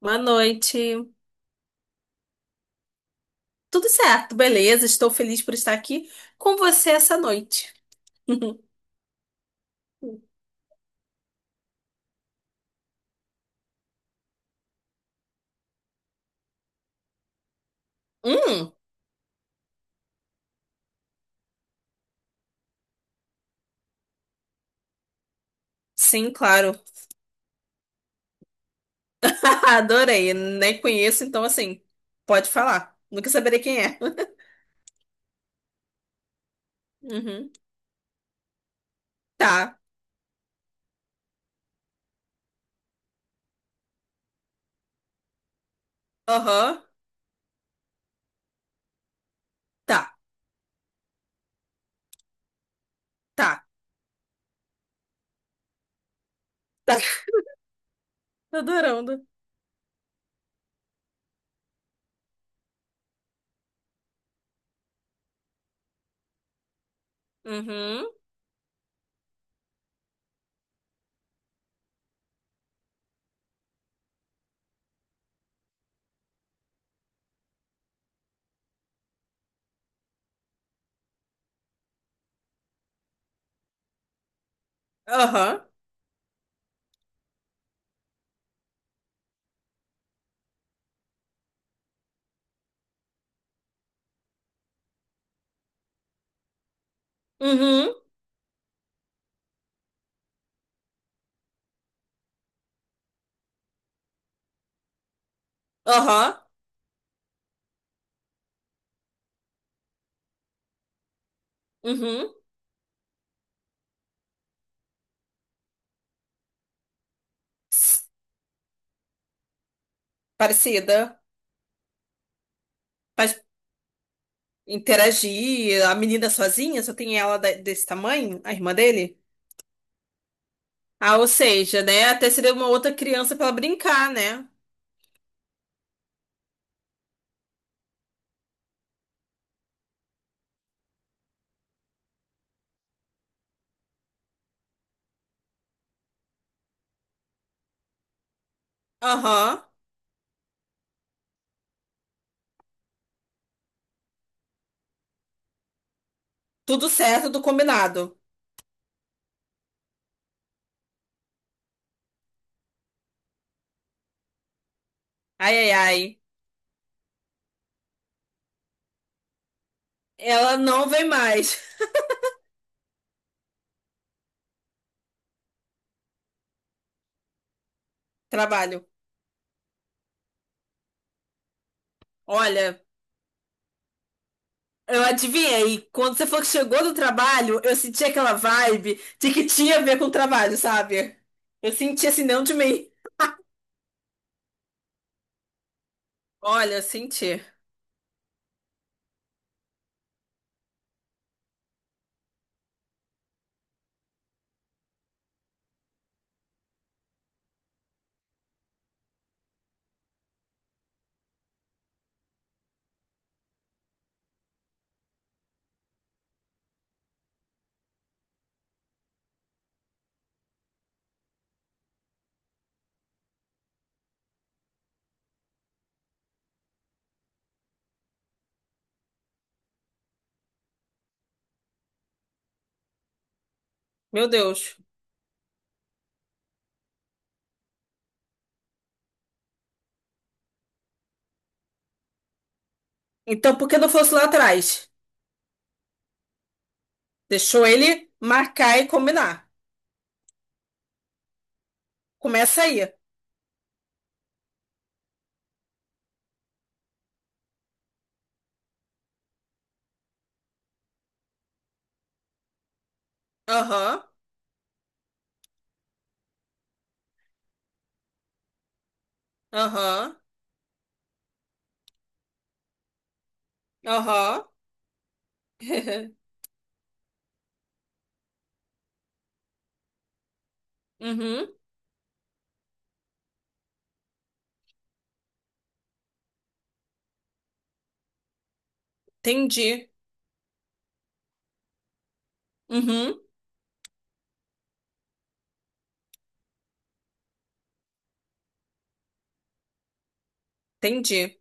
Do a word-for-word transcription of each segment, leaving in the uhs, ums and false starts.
Boa noite. Tudo certo, beleza? Estou feliz por estar aqui com você essa noite. Hum, sim, claro. Adorei. Nem conheço, então assim, pode falar. Nunca saberei quem é. Uhum. Tá. Aham. Tá. Tá. Tá. Tô adorando. Uhum. Aham. Uhum. Aham. Uhum. Ps, parecida. Faz interagir. A menina sozinha, só tem ela da- desse tamanho, a irmã dele? Ah, ou seja, né? Até seria uma outra criança pra ela brincar, né? Aham. Tudo certo, tudo combinado. Ai, ai, ai. Ela não vem mais. Trabalho. Olha, eu adivinhei. Quando você falou que chegou do trabalho, eu senti aquela vibe de que tinha a ver com o trabalho, sabe? Eu senti assim, não de mim. Olha, eu senti. Meu Deus. Então, por que não fosse lá atrás? Deixou ele marcar e combinar. Começa aí. Aham, aham, aham. Uhum, entendi. Uhum, entendi.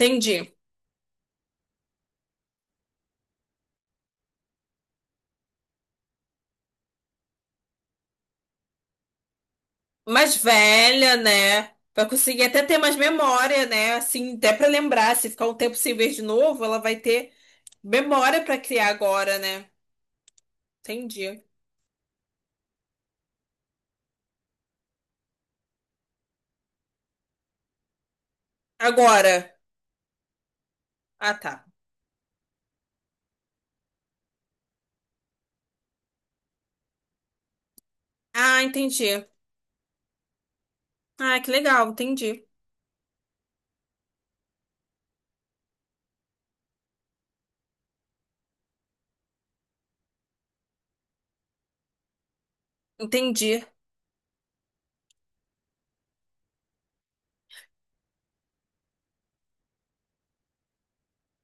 Entendi. Mais velha, né? Vai conseguir até ter mais memória, né? Assim, até pra lembrar. Se ficar um tempo sem ver de novo, ela vai ter memória pra criar agora, né? Entendi. Agora. Ah, tá. Ah, entendi. Ah, que legal. Entendi. Entendi.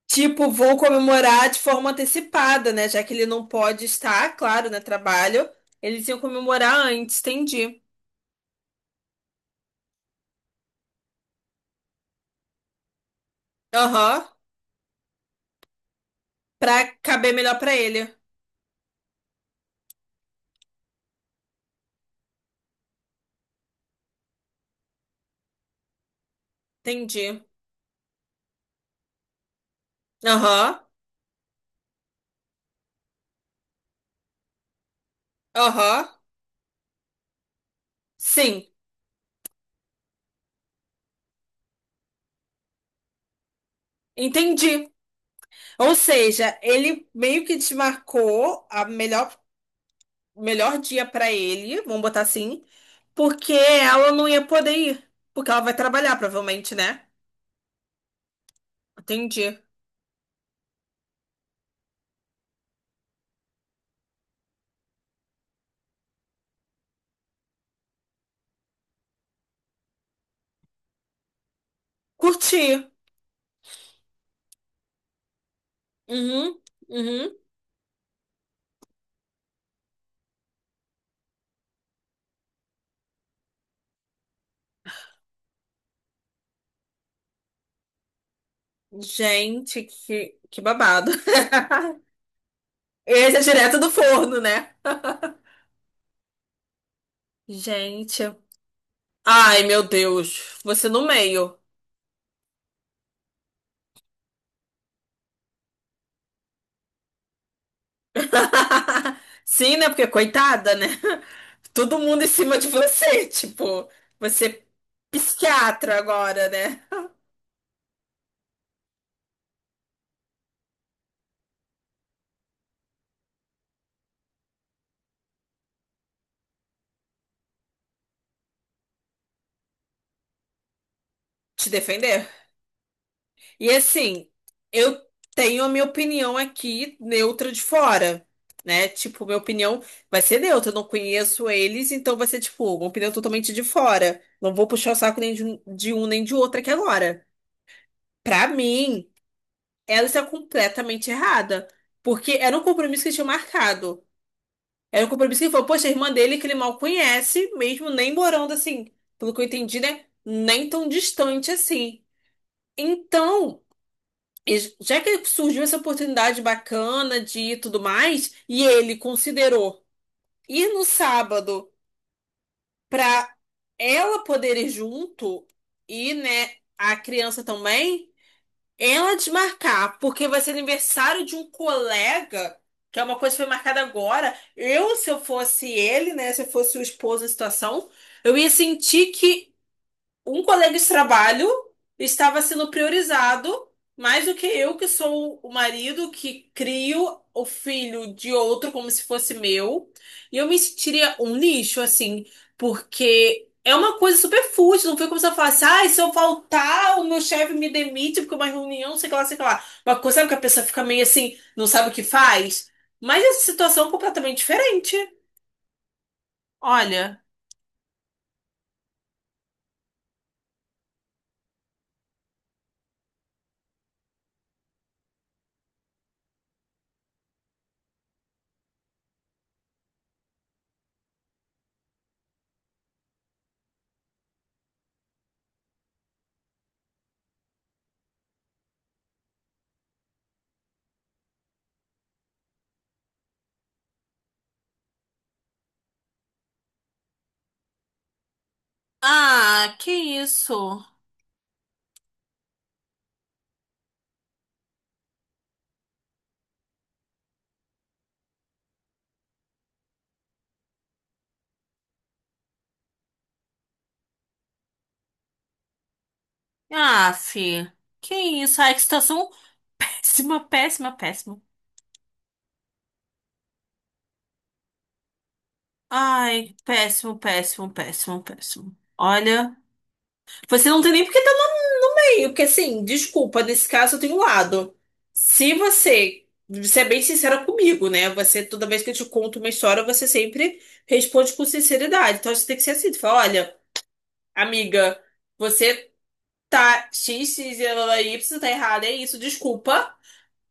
Tipo, vou comemorar de forma antecipada, né? Já que ele não pode estar, claro, né? Trabalho. Eles iam comemorar antes. Entendi. Aham. Pra caber melhor pra ele. Entendi. Aham, aham. Sim, entendi. Ou seja, ele meio que desmarcou a melhor, melhor dia pra ele, vamos botar assim, porque ela não ia poder ir. Porque ela vai trabalhar, provavelmente, né? Entendi. Curti. Uhum, uhum. Gente, que, que babado. Esse é direto do forno, né? Gente. Ai, meu Deus. Você no meio. Sim, né? Porque coitada, né? Todo mundo em cima de você, tipo, você é psiquiatra agora, né? Te defender. E assim, eu tenho a minha opinião aqui neutra de fora, né? Tipo, minha opinião vai ser neutra, eu não conheço eles, então vai ser tipo, uma opinião totalmente de fora. Não vou puxar o saco nem de um, de um nem de outro aqui agora. Pra mim, ela está completamente errada, porque era um compromisso que tinha marcado. Era um compromisso que ele falou, poxa, a irmã dele que ele mal conhece, mesmo nem morando assim, pelo que eu entendi, né? Nem tão distante assim. Então, es- já que surgiu essa oportunidade bacana de ir e tudo mais, e ele considerou ir no sábado pra ela poder ir junto e, né, a criança também. Ela desmarcar, porque vai ser aniversário de um colega, que é uma coisa que foi marcada agora. Eu, se eu fosse ele, né? Se eu fosse o esposo em situação, eu ia sentir que um colega de trabalho estava sendo priorizado mais do que eu, que sou o marido que crio o filho de outro como se fosse meu. E eu me sentiria um lixo, assim, porque é uma coisa super fútil. Não foi como se eu falasse, ah, se eu faltar, o meu chefe me demite porque é uma reunião, sei que lá, sei que lá. Uma coisa, sabe que a pessoa fica meio assim, não sabe o que faz? Mas essa situação é completamente diferente. Olha. Ah, que isso? Ah, fi. Que isso? Ai, que situação péssima, péssima, péssima. Ai, péssimo, péssimo, péssimo, péssimo. Olha, você não tem nem porque tá noiinho, porque assim, desculpa, nesse caso eu tenho um lado. Se você, você é bem sincera comigo, né? Você, toda vez que eu te conto uma história, você sempre responde com sinceridade. Então você tem que ser assim, tu fala, olha, amiga, você tá X, X, Y, Y, tá errada, é isso, desculpa.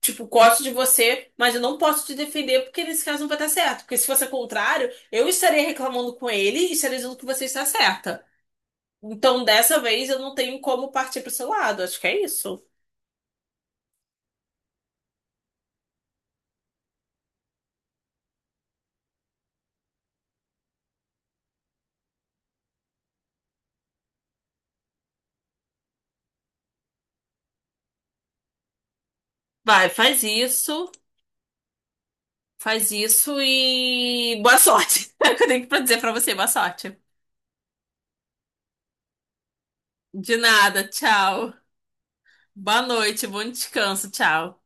Tipo, gosto de você, mas eu não posso te defender porque nesse caso não vai dar certo. Porque se fosse o contrário, eu estaria reclamando com ele e estaria dizendo que você está certa. Então, dessa vez, eu não tenho como partir pro seu lado. Acho que é isso. Vai, faz isso, faz isso e boa sorte. É o que eu tenho pra dizer pra você, boa sorte. De nada, tchau. Boa noite, bom descanso, tchau.